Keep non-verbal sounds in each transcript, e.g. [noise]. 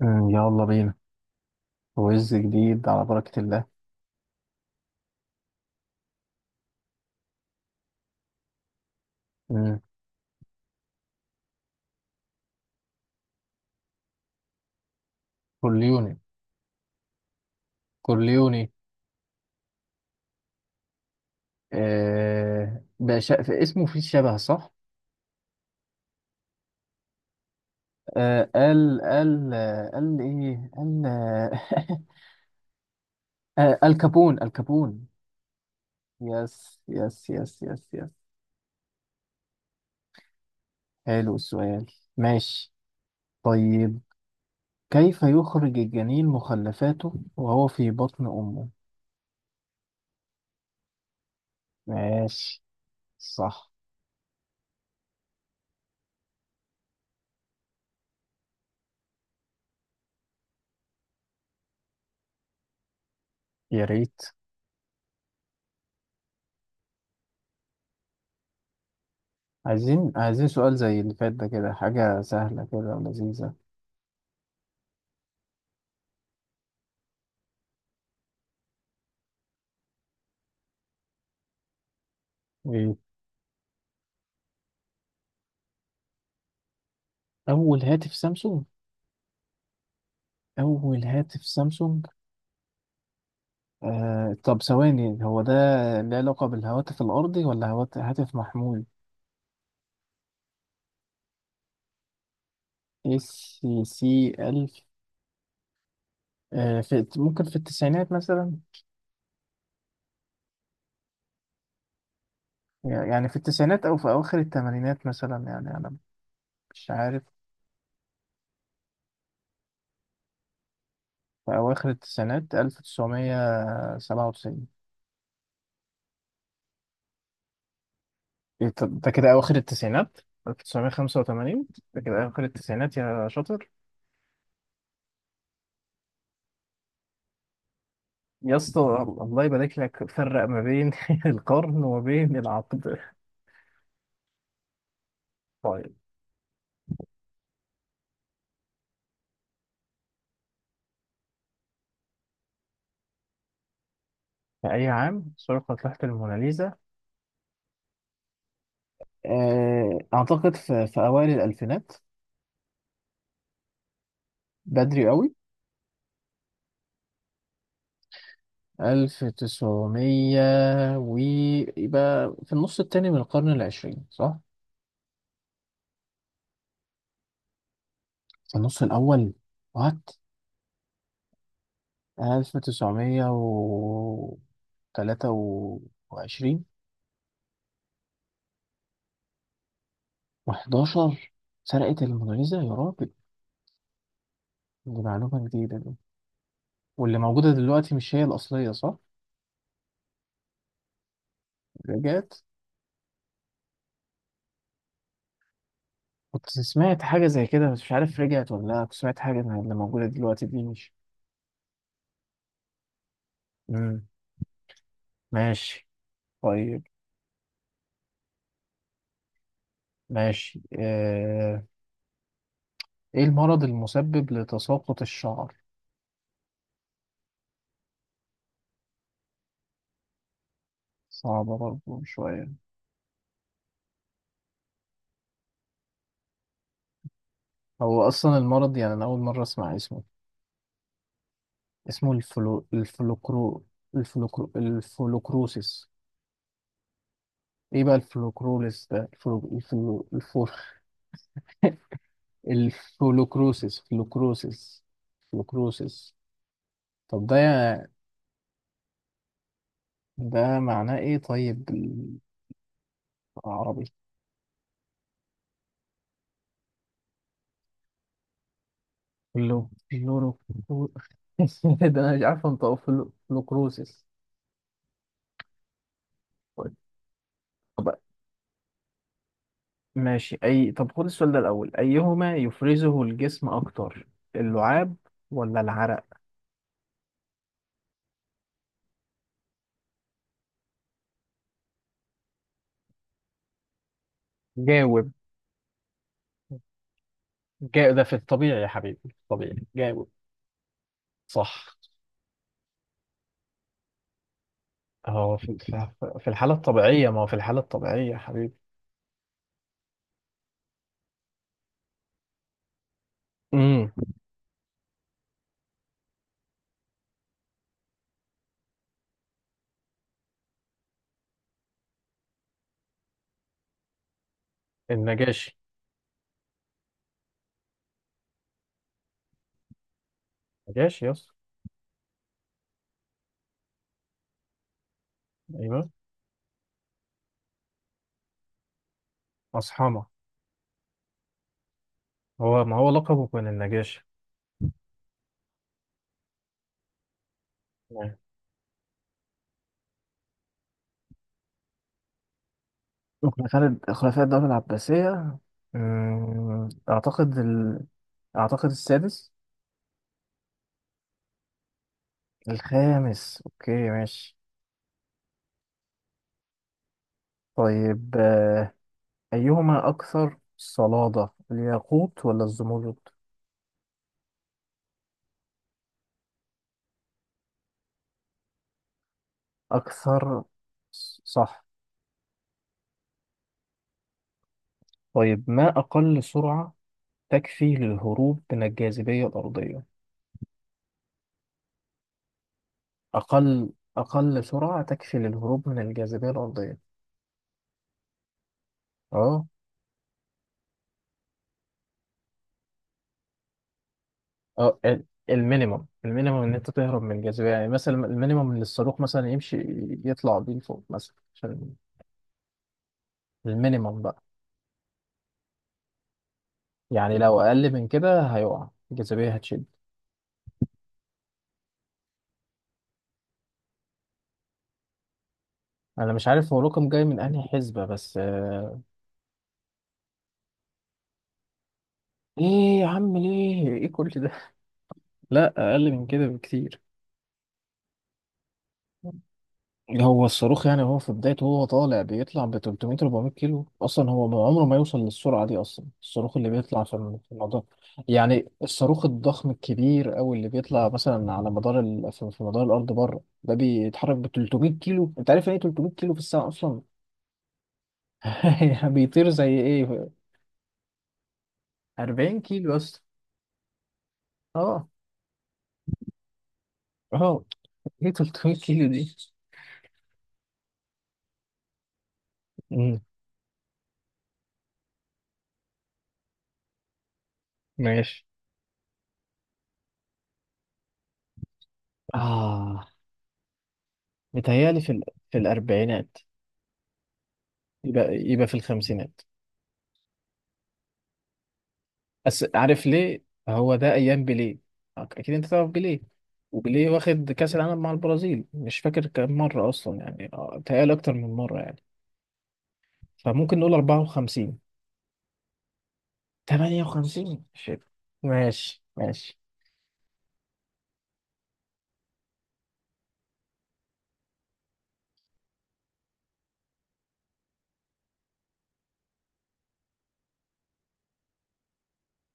يلا بينا. ويز جديد على بركة الله. مم. كورليوني. كورليوني. آه بقى في اسمه فيه شبه صح؟ آه، قال ايه؟ قال آه. [laughs] آه، الكابون. يس يس يس يس يس. حلو السؤال. ماشي. طيب، كيف يخرج الجنين مخلفاته وهو في بطن أمه؟ ماشي. صح. يا ريت. عايزين سؤال زي اللي فات ده، كده حاجة سهلة كده ولذيذة. إيه؟ أول هاتف سامسونج. أول هاتف سامسونج. آه، طب ثواني، هو ده له علاقة بالهواتف الأرضي ولا هاتف محمول؟ اس سي ألف. آه، في ممكن في التسعينات مثلا، يعني في التسعينات أو في أواخر الثمانينات مثلا، يعني أنا مش عارف. في أواخر التسعينات، ألف تسعمية سبعة وتسعين. ده كده اواخر التسعينات. 1985 ده كده اواخر التسعينات يا شاطر. يا اسطى، الله يبارك لك، فرق ما بين [laughs] القرن وما بين العقد. طيب، في اي عام سرقت لوحة الموناليزا؟ آه، اعتقد في اوائل الالفينات. بدري قوي. 1900 ويبقى في النص التاني من القرن العشرين، صح؟ في النص الاول. وات. 1923. و11، سرقت الموناليزا يا راجل؟ دي معلومة جديدة دي. واللي موجودة دلوقتي مش هي الأصلية صح؟ رجعت. كنت سمعت حاجة زي كده، بس مش عارف رجعت ولا لا. كنت سمعت حاجة إن اللي موجودة دلوقتي دي مش. مم. ماشي. طيب. ماشي. آه... إيه المرض المسبب لتساقط الشعر؟ صعبة برضه شوية. هو أصلا المرض يعني أنا أول مرة أسمع اسمه. اسمه الفلوكرو. الفلوكرو، الفلوكروسيس. إيه بقى الفلوكروليس ده؟ الفو... الفلوكروسس، فلوكروسس، فلوكروسس. طب ده، ده معناه ايه طيب، بالعربي؟ فلورو، فلو- [laughs] ده انا مش عارف انطقه، فلوكروسس. طب ماشي، اي طب خد السؤال ده الاول: ايهما يفرزه الجسم اكتر، اللعاب ولا العرق؟ جاوب. ده في الطبيعي يا حبيبي، في الطبيعي، جاوب. صح. اهو في في الحالة الطبيعية، ما هو في الحالة الطبيعية يا حبيبي. امم. النجاشي. نجاشي، يس. ايوه، مصحمة. هو ما هو لقبه كان النجاشي. تمام. خلافة خلفاء الدولة العباسية. أمم، أعتقد ال... أعتقد السادس. الخامس، أوكي ماشي. طيب آه، أيهما أكثر صلادة، الياقوت ولا الزمرد؟ أكثر. صح. طيب، ما أقل سرعة تكفي للهروب من الجاذبية الأرضية؟ أقل. أقل سرعة تكفي للهروب من الجاذبية الأرضية. أه. اه، المينيمم. المينيمم ان انت تهرب من الجاذبيه، يعني مثلا المينيمم ان الصاروخ مثلا يمشي، يطلع بيه لفوق مثلا عشان. المينيمم بقى، يعني لو اقل من كده هيقع، الجاذبيه هتشد. انا مش عارف هو رقم جاي من انهي حسبه، بس آه، ايه يا عم، ليه ايه كل ده؟ [laughs] لا اقل من كده بكتير. هو الصاروخ يعني، هو في بدايته هو طالع، بيطلع ب 300 400 كيلو اصلا، هو عمره ما يوصل للسرعه دي اصلا الصاروخ اللي بيطلع في المدار. يعني الصاروخ الضخم الكبير او اللي بيطلع مثلا على مدار ال... في مدار الارض بره، ده بيتحرك ب 300 كيلو؟ انت عارف يعني ايه 300 كيلو في الساعه اصلا؟ [laughs] يعني بيطير زي ايه؟ 40 كيلو بس. اه. اه ايه 300 كيلو دي؟ امم. ماشي. اه، متهيألي في ال... في الاربعينات. يبقى في الخمسينات. بس عارف ليه؟ هو ده ايام بيليه، اكيد انت تعرف بيليه. وبيليه واخد كاس العالم مع البرازيل، مش فاكر كام مره اصلا، يعني آه، بيتهيألي اكتر من مره يعني. فممكن نقول 54. 58، شيت. ماشي ماشي.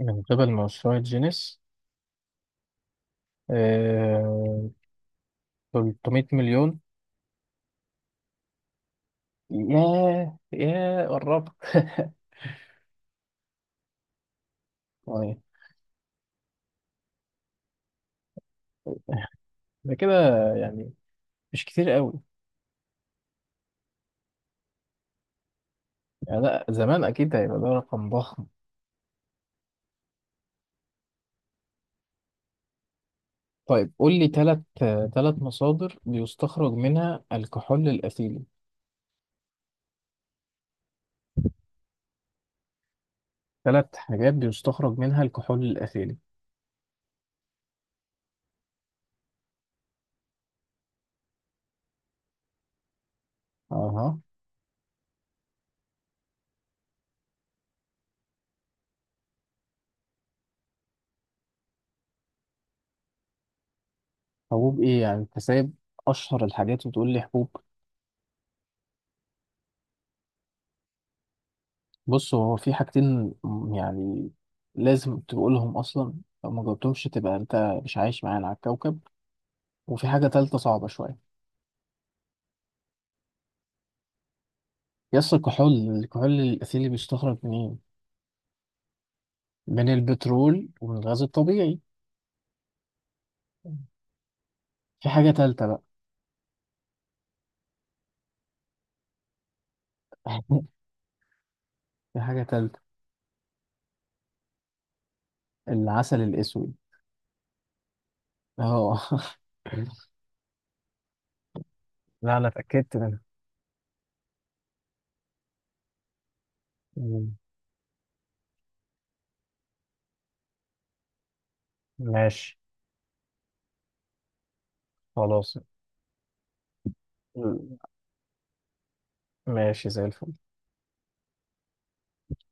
من قبل مشروع جينيس. آه... 300 مليون. ياه ياه، قربت. [laughs] طيب، ده كده يعني مش كتير قوي. يعني لا، زمان اكيد هيبقى ده رقم ضخم. طيب قول لي ثلاث، ثلاث مصادر بيستخرج منها الكحول الأثيلي. ثلاث حاجات بيستخرج منها الكحول الأثيلي. أها. حبوب إيه يعني؟ أنت سايب أشهر الحاجات وتقول لي حبوب؟ بص، هو في حاجتين يعني لازم تقولهم أصلا، لو ما جاوبتهمش تبقى أنت مش عايش معانا على الكوكب. وفي حاجة تالتة صعبة شوية. يس، الكحول. الكحول الأثيلي بيستخرج منين؟ من البترول ومن الغاز الطبيعي. في حاجة تالتة بقى. [laughs] في حاجة تالتة. العسل الأسود. اه. [laughs] لا انا اتاكدت منها. مم. ماشي. خلاص. مم. ماشي زي الفل.